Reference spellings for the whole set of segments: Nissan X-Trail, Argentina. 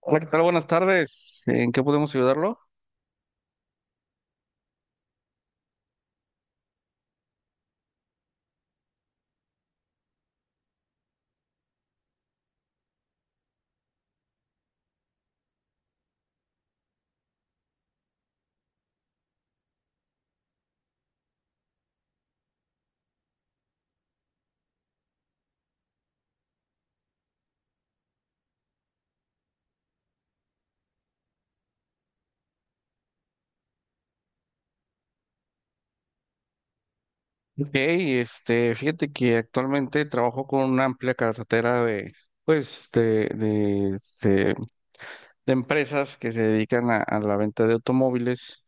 Hola, ¿qué tal? Buenas tardes. ¿En qué podemos ayudarlo? Ok, fíjate que actualmente trabajo con una amplia cartera de, pues, de empresas que se dedican a la venta de automóviles.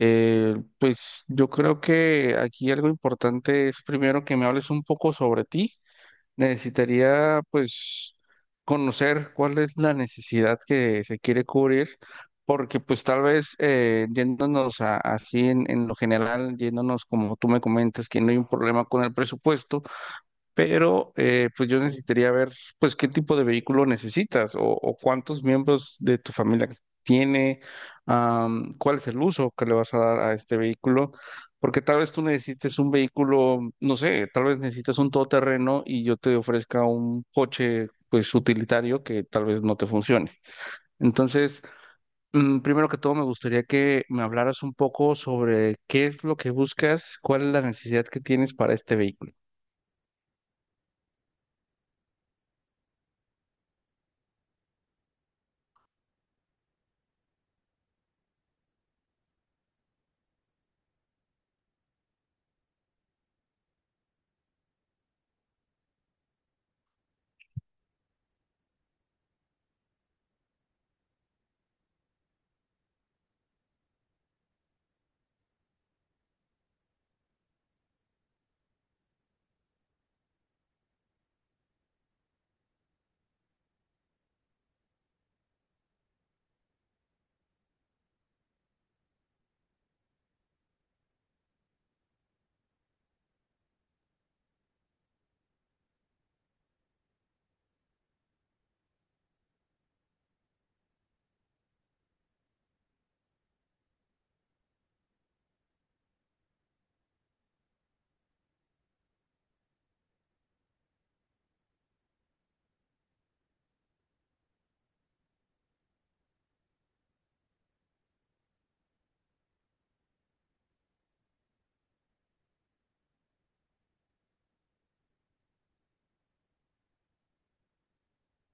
Pues yo creo que aquí algo importante es primero que me hables un poco sobre ti. Necesitaría, pues, conocer cuál es la necesidad que se quiere cubrir, porque pues tal vez yéndonos así en lo general, yéndonos como tú me comentas, que no hay un problema con el presupuesto, pero pues yo necesitaría ver pues qué tipo de vehículo necesitas o cuántos miembros de tu familia tiene, cuál es el uso que le vas a dar a este vehículo, porque tal vez tú necesites un vehículo, no sé, tal vez necesitas un todoterreno y yo te ofrezca un coche pues utilitario que tal vez no te funcione. Entonces, primero que todo me gustaría que me hablaras un poco sobre qué es lo que buscas, cuál es la necesidad que tienes para este vehículo.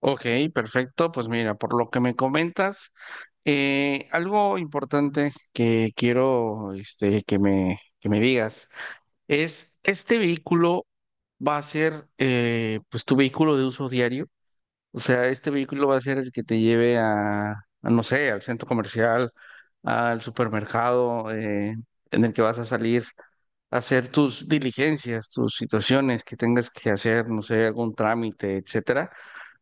Ok, perfecto. Pues mira, por lo que me comentas, algo importante que quiero que me digas es, ¿este vehículo va a ser pues tu vehículo de uso diario? O sea, ¿este vehículo va a ser el que te lleve a, no sé, al centro comercial, al supermercado, en el que vas a salir, hacer tus diligencias, tus situaciones que tengas que hacer, no sé, algún trámite, etcétera?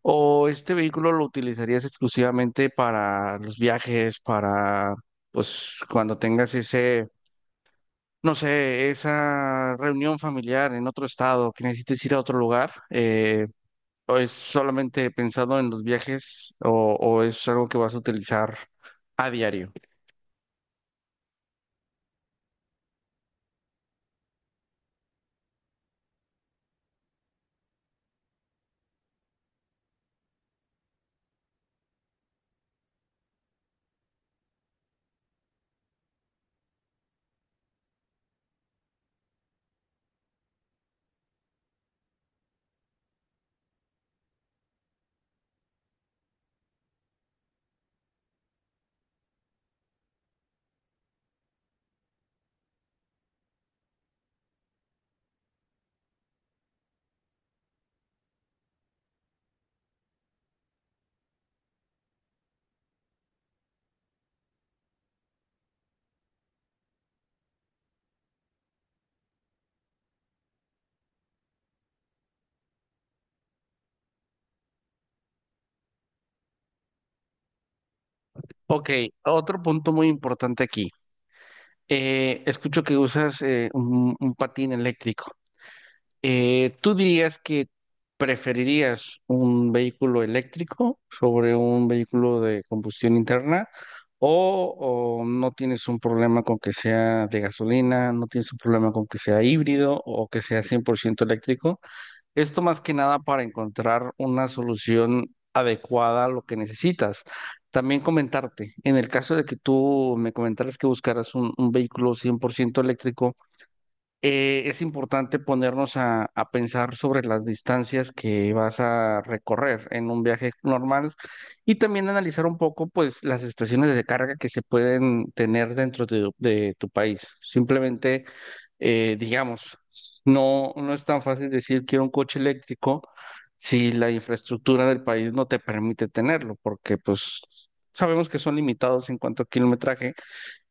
¿O este vehículo lo utilizarías exclusivamente para los viajes, pues, cuando tengas ese, no sé, esa reunión familiar en otro estado, que necesites ir a otro lugar? ¿O es solamente pensado en los viajes o es algo que vas a utilizar a diario? Ok, otro punto muy importante aquí. Escucho que usas un patín eléctrico. ¿Tú dirías que preferirías un vehículo eléctrico sobre un vehículo de combustión interna o no tienes un problema con que sea de gasolina, no tienes un problema con que sea híbrido o que sea 100% eléctrico? Esto más que nada para encontrar una solución adecuada a lo que necesitas. También comentarte, en el caso de que tú me comentaras que buscaras un vehículo 100% eléctrico, es importante ponernos a pensar sobre las distancias que vas a recorrer en un viaje normal y también analizar un poco, pues, las estaciones de carga que se pueden tener dentro de tu país. Simplemente, digamos, no, no es tan fácil decir quiero un coche eléctrico si la infraestructura del país no te permite tenerlo, porque, pues, sabemos que son limitados en cuanto a kilometraje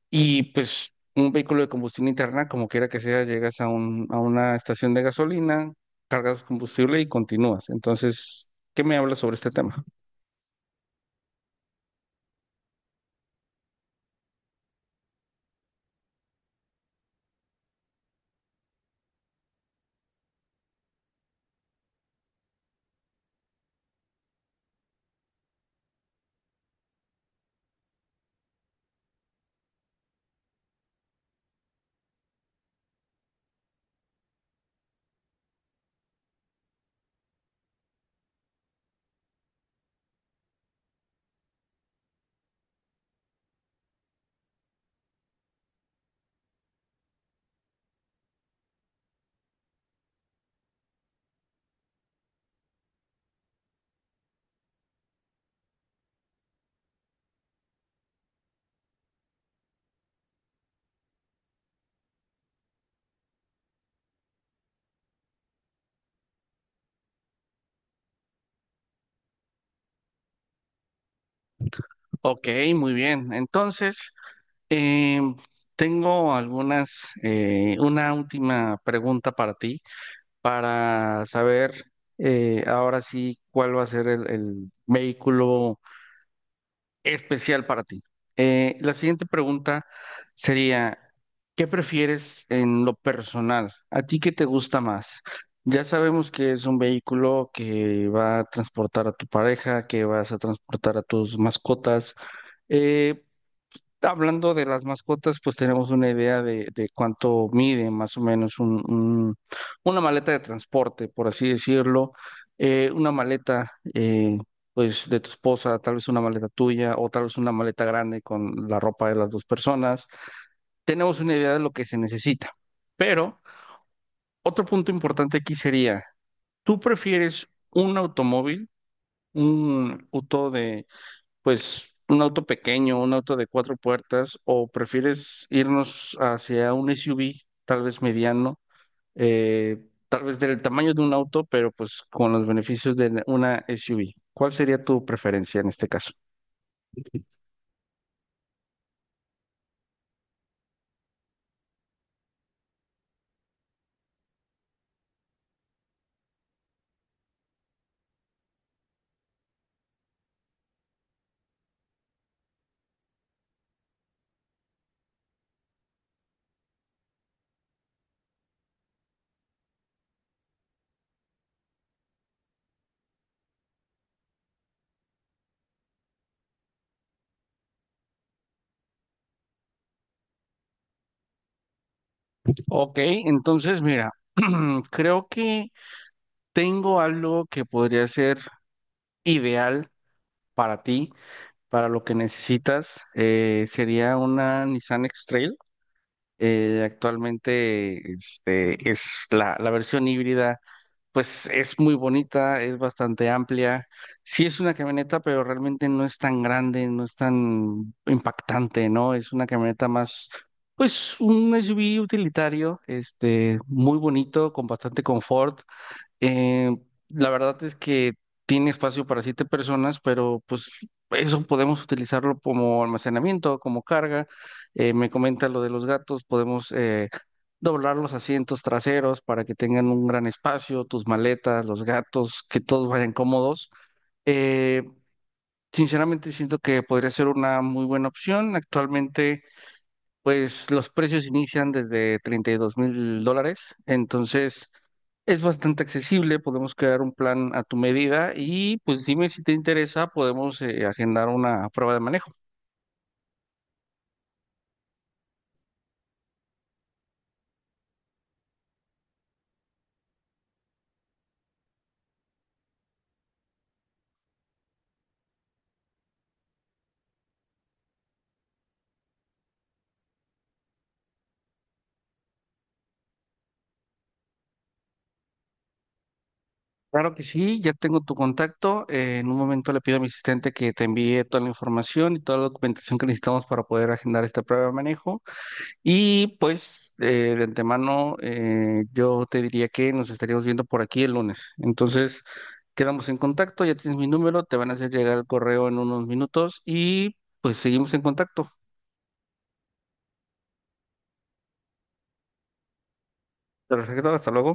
y pues un vehículo de combustión interna, como quiera que sea, llegas a un, a una estación de gasolina, cargas combustible y continúas. Entonces, ¿qué me hablas sobre este tema? Ok, muy bien. Entonces, em, tengo una última pregunta para ti, para saber ahora sí cuál va a ser el vehículo especial para ti. La siguiente pregunta sería, ¿qué prefieres en lo personal? ¿A ti qué te gusta más? Ya sabemos que es un vehículo que va a transportar a tu pareja, que vas a transportar a tus mascotas. Eh, Hablando de las mascotas, pues tenemos una idea de cuánto mide más o menos un, una maleta de transporte, por así decirlo. Una maleta, pues, de tu esposa, tal vez una maleta tuya o tal vez una maleta grande con la ropa de las dos personas. Tenemos una idea de lo que se necesita. Pero otro punto importante aquí sería, ¿tú prefieres un automóvil, un auto, pues un auto pequeño, un auto de cuatro puertas, o prefieres irnos hacia un SUV, tal vez mediano, eh, tal vez del tamaño de un auto, pero pues con los beneficios de una SUV? ¿Cuál sería tu preferencia en este caso? Ok, entonces mira, creo que tengo algo que podría ser ideal para ti, para lo que necesitas. Sería una Nissan X-Trail. Actualmente es la versión híbrida, pues es muy bonita, es bastante amplia. Sí es una camioneta, pero realmente no es tan grande, no es tan impactante, ¿no? Es una camioneta más, pues un SUV utilitario, este, muy bonito, con bastante confort. Eh, la verdad es que tiene espacio para siete personas, pero pues eso podemos utilizarlo como almacenamiento, como carga. Me comenta lo de los gatos, podemos doblar los asientos traseros para que tengan un gran espacio, tus maletas, los gatos, que todos vayan cómodos. Eh, Sinceramente siento que podría ser una muy buena opción. Actualmente, pues los precios inician desde 32 mil dólares, entonces... Es bastante accesible, podemos crear un plan a tu medida y pues dime si te interesa, podemos agendar una prueba de manejo. Claro que sí, ya tengo tu contacto. En un momento le pido a mi asistente que te envíe toda la información y toda la documentación que necesitamos para poder agendar esta prueba de manejo. Y pues de antemano, yo te diría que nos estaríamos viendo por aquí el lunes. Entonces quedamos en contacto, ya tienes mi número, te van a hacer llegar el correo en unos minutos y pues seguimos en contacto. Perfecto, hasta luego.